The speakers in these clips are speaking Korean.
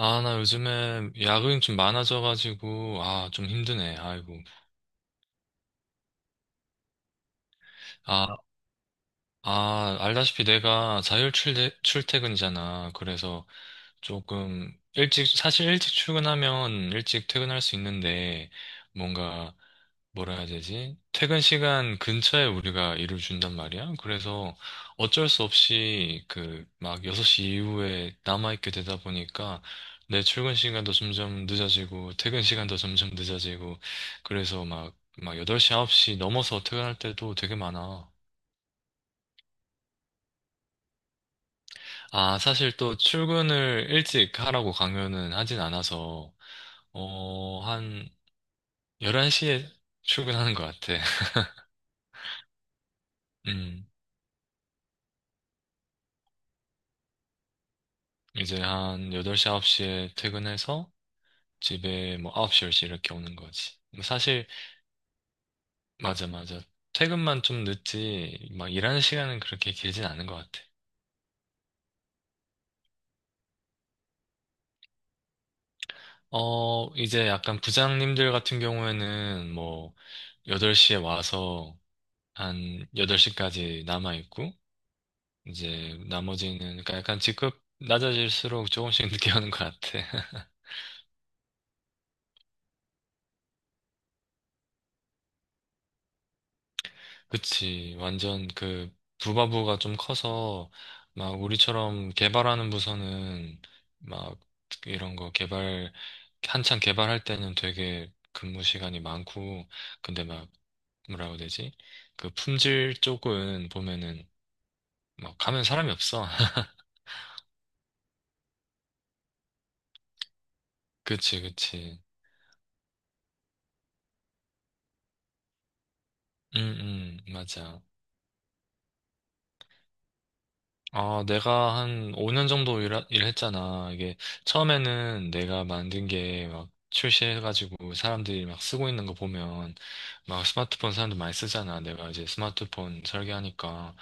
아, 나 요즘에 야근이 좀 많아져가지고, 아, 좀 힘드네, 아이고. 아, 알다시피 내가 출퇴근이잖아. 그래서 조금 일찍, 사실 일찍 출근하면 일찍 퇴근할 수 있는데, 뭔가 뭐라 해야 되지? 퇴근 시간 근처에 우리가 일을 준단 말이야. 그래서 어쩔 수 없이 그 막 6시 이후에 남아있게 되다 보니까 내 출근 시간도 점점 늦어지고 퇴근 시간도 점점 늦어지고 그래서 막 8시, 9시 넘어서 퇴근할 때도 되게 많아. 아, 사실 또 출근을 일찍 하라고 강요는 하진 않아서 어, 한 11시에 출근하는 것 같아. 음, 이제 한 8시, 9시에 퇴근해서 집에 뭐 9시, 10시 이렇게 오는 거지. 뭐 사실, 맞아, 맞아. 퇴근만 좀 늦지, 막 일하는 시간은 그렇게 길진 않은 것 같아. 어, 이제 약간 부장님들 같은 경우에는 뭐, 8시에 와서 한 8시까지 남아있고, 이제 나머지는, 그러니까 약간 직급 낮아질수록 조금씩 늦게 오는 것 같아. 그치. 완전 그 부가부가 좀 커서 막 우리처럼 개발하는 부서는 막 이런 거 개발 한창 개발할 때는 되게 근무 시간이 많고 근데 막 뭐라고 해야 되지? 그 품질 쪽은 보면은 막 가면 사람이 없어. 그치, 그치. 응, 응, 맞아. 아, 내가 한 5년 정도 일했잖아. 이게 처음에는 내가 만든 게 막 출시해가지고 사람들이 막 쓰고 있는 거 보면 막 스마트폰 사람들 많이 쓰잖아. 내가 이제 스마트폰 설계하니까.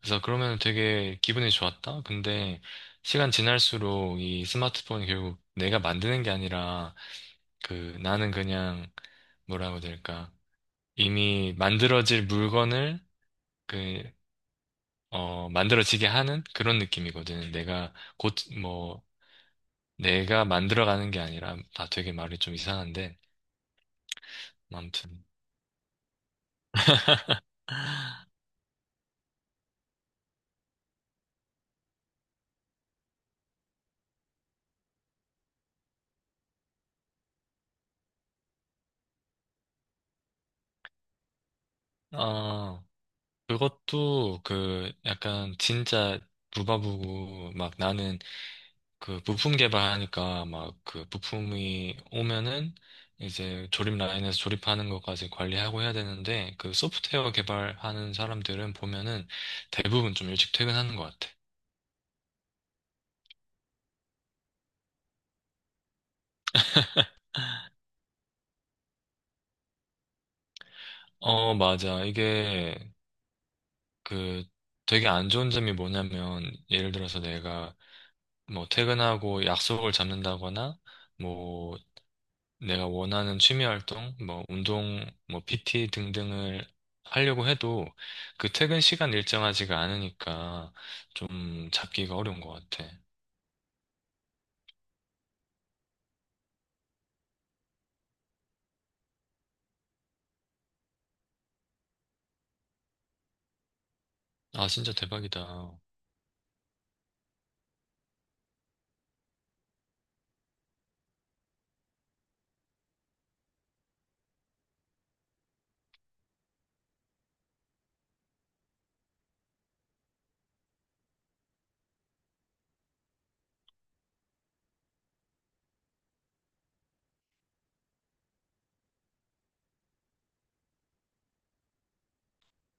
그래서 그러면 되게 기분이 좋았다. 근데 시간 지날수록 이 스마트폰이 결국 내가 만드는 게 아니라 그 나는 그냥 뭐라고 해야 될까? 이미 만들어질 물건을 그 어, 만들어지게 하는 그런 느낌이거든. 내가 곧, 뭐, 내가 만들어가는 게 아니라, 다 되게 말이 좀 이상한데, 아무튼. 어, 그것도 그 약간 진짜 부바부고, 막 나는 그 부품 개발하니까 막 그 부품이 오면은 이제 조립 라인에서 조립하는 것까지 관리하고 해야 되는데, 그 소프트웨어 개발하는 사람들은 보면은 대부분 좀 일찍 퇴근하는 것 같아. 어, 맞아. 이게 그 되게 안 좋은 점이 뭐냐면 예를 들어서 내가 뭐 퇴근하고 약속을 잡는다거나 뭐 내가 원하는 취미 활동, 뭐 운동, 뭐 PT 등등을 하려고 해도 그 퇴근 시간 일정하지가 않으니까 좀 잡기가 어려운 것 같아. 아, 진짜 대박이다.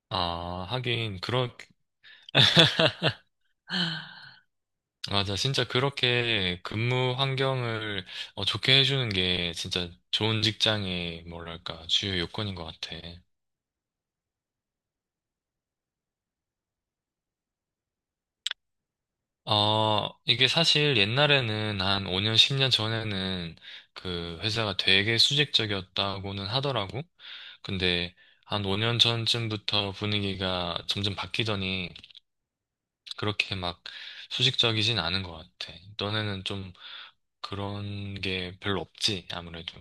아, 맞아. 진짜 그렇게 근무 환경을 어, 좋게 해주는 게 진짜 좋은 직장의 뭐랄까, 주요 요건인 것 같아. 아, 이게 사실 옛날에는 한 5년, 10년 전에는 그 회사가 되게 수직적이었다고는 하더라고. 근데 한 5년 전쯤부터 분위기가 점점 바뀌더니 그렇게 막 수직적이진 않은 것 같아. 너네는 좀 그런 게 별로 없지, 아무래도.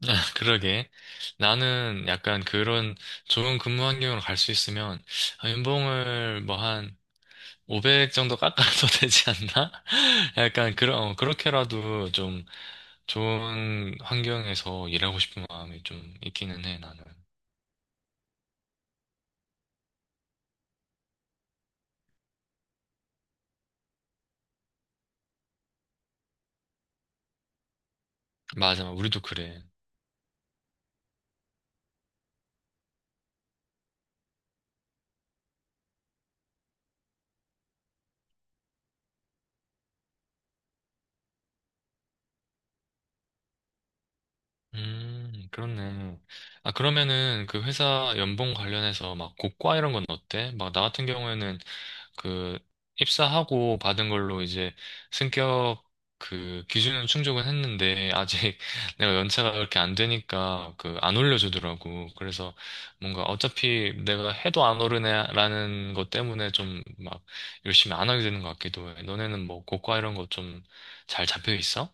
그러게. 나는 약간 그런 좋은 근무 환경으로 갈 수 있으면 아, 연봉을 뭐한 500 정도 깎아도 되지 않나? 약간 그런 어, 그렇게라도 좀 좋은 환경에서 일하고 싶은 마음이 좀 있기는 해 나는. 맞아, 우리도 그래. 그렇네. 아, 그러면은 그 회사 연봉 관련해서 막 고과 이런 건 어때? 막 나 같은 경우에는 그 입사하고 받은 걸로 이제 승격 그 기준은 충족은 했는데 아직 내가 연차가 그렇게 안 되니까 그 안 올려주더라고. 그래서 뭔가 어차피 내가 해도 안 오르네라는 것 때문에 좀 막 열심히 안 하게 되는 것 같기도 해. 너네는 뭐 고과 이런 거 좀 잘 잡혀 있어?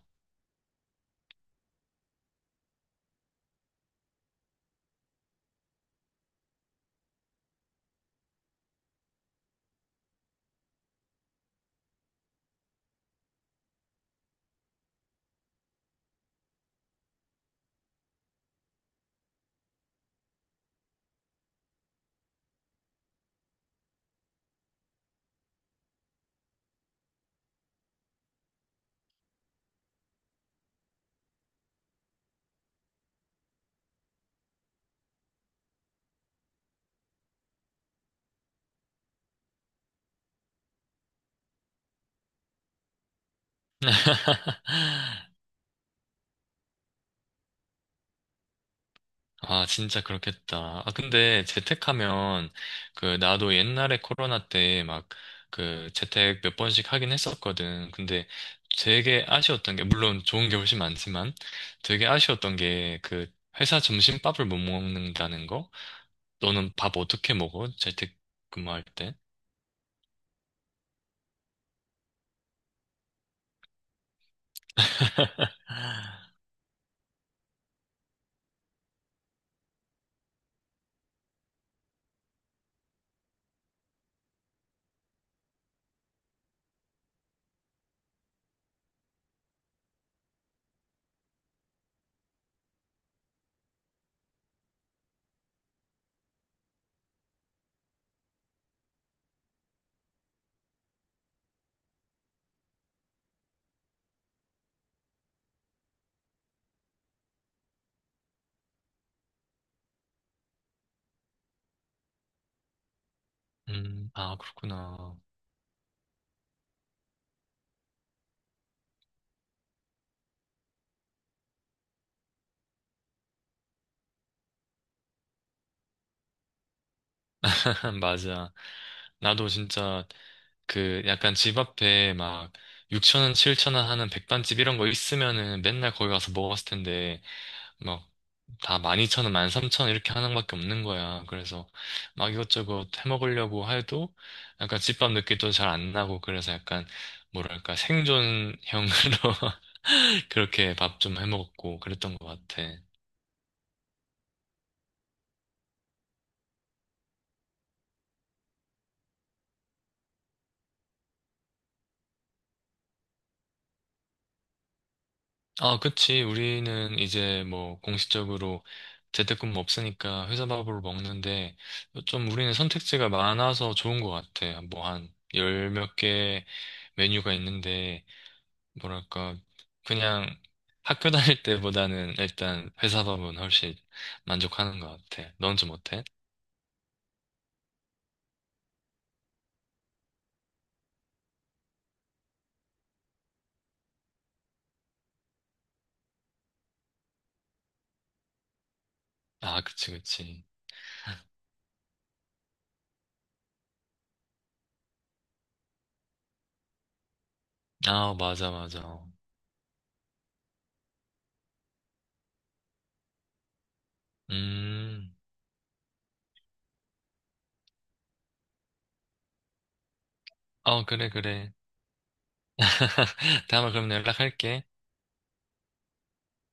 아, 진짜 그렇겠다. 아, 근데 재택하면, 그, 나도 옛날에 코로나 때 막, 그, 재택 몇 번씩 하긴 했었거든. 근데 되게 아쉬웠던 게, 물론 좋은 게 훨씬 많지만, 되게 아쉬웠던 게, 그, 회사 점심밥을 못 먹는다는 거? 너는 밥 어떻게 먹어? 재택 근무할 때? 아, 그렇구나. 맞아. 나도 진짜 그 약간 집 앞에 막 6천 원, 7천 원 하는 백반집 이런 거 있으면은 맨날 거기 가서 먹었을 텐데 막 다 12,000원, 13,000원 이렇게 하는 것밖에 없는 거야. 그래서 막 이것저것 해 먹으려고 해도 약간 집밥 느낌도 잘 안 나고 그래서 약간 뭐랄까 생존형으로 그렇게 밥 좀 해 먹었고 그랬던 것 같아. 아, 그치. 우리는 이제 뭐 공식적으로 재택근무 없으니까 회사 밥으로 먹는데 좀 우리는 선택지가 많아서 좋은 것 같아. 뭐 한 열 몇 개 메뉴가 있는데 뭐랄까 그냥 학교 다닐 때보다는 일단 회사 밥은 훨씬 만족하는 것 같아. 넌 좀 어때? 아, 그치, 그치. 아, 맞아, 맞아. 음, 어, 그래, 그래. 다음에 그럼 연락할게.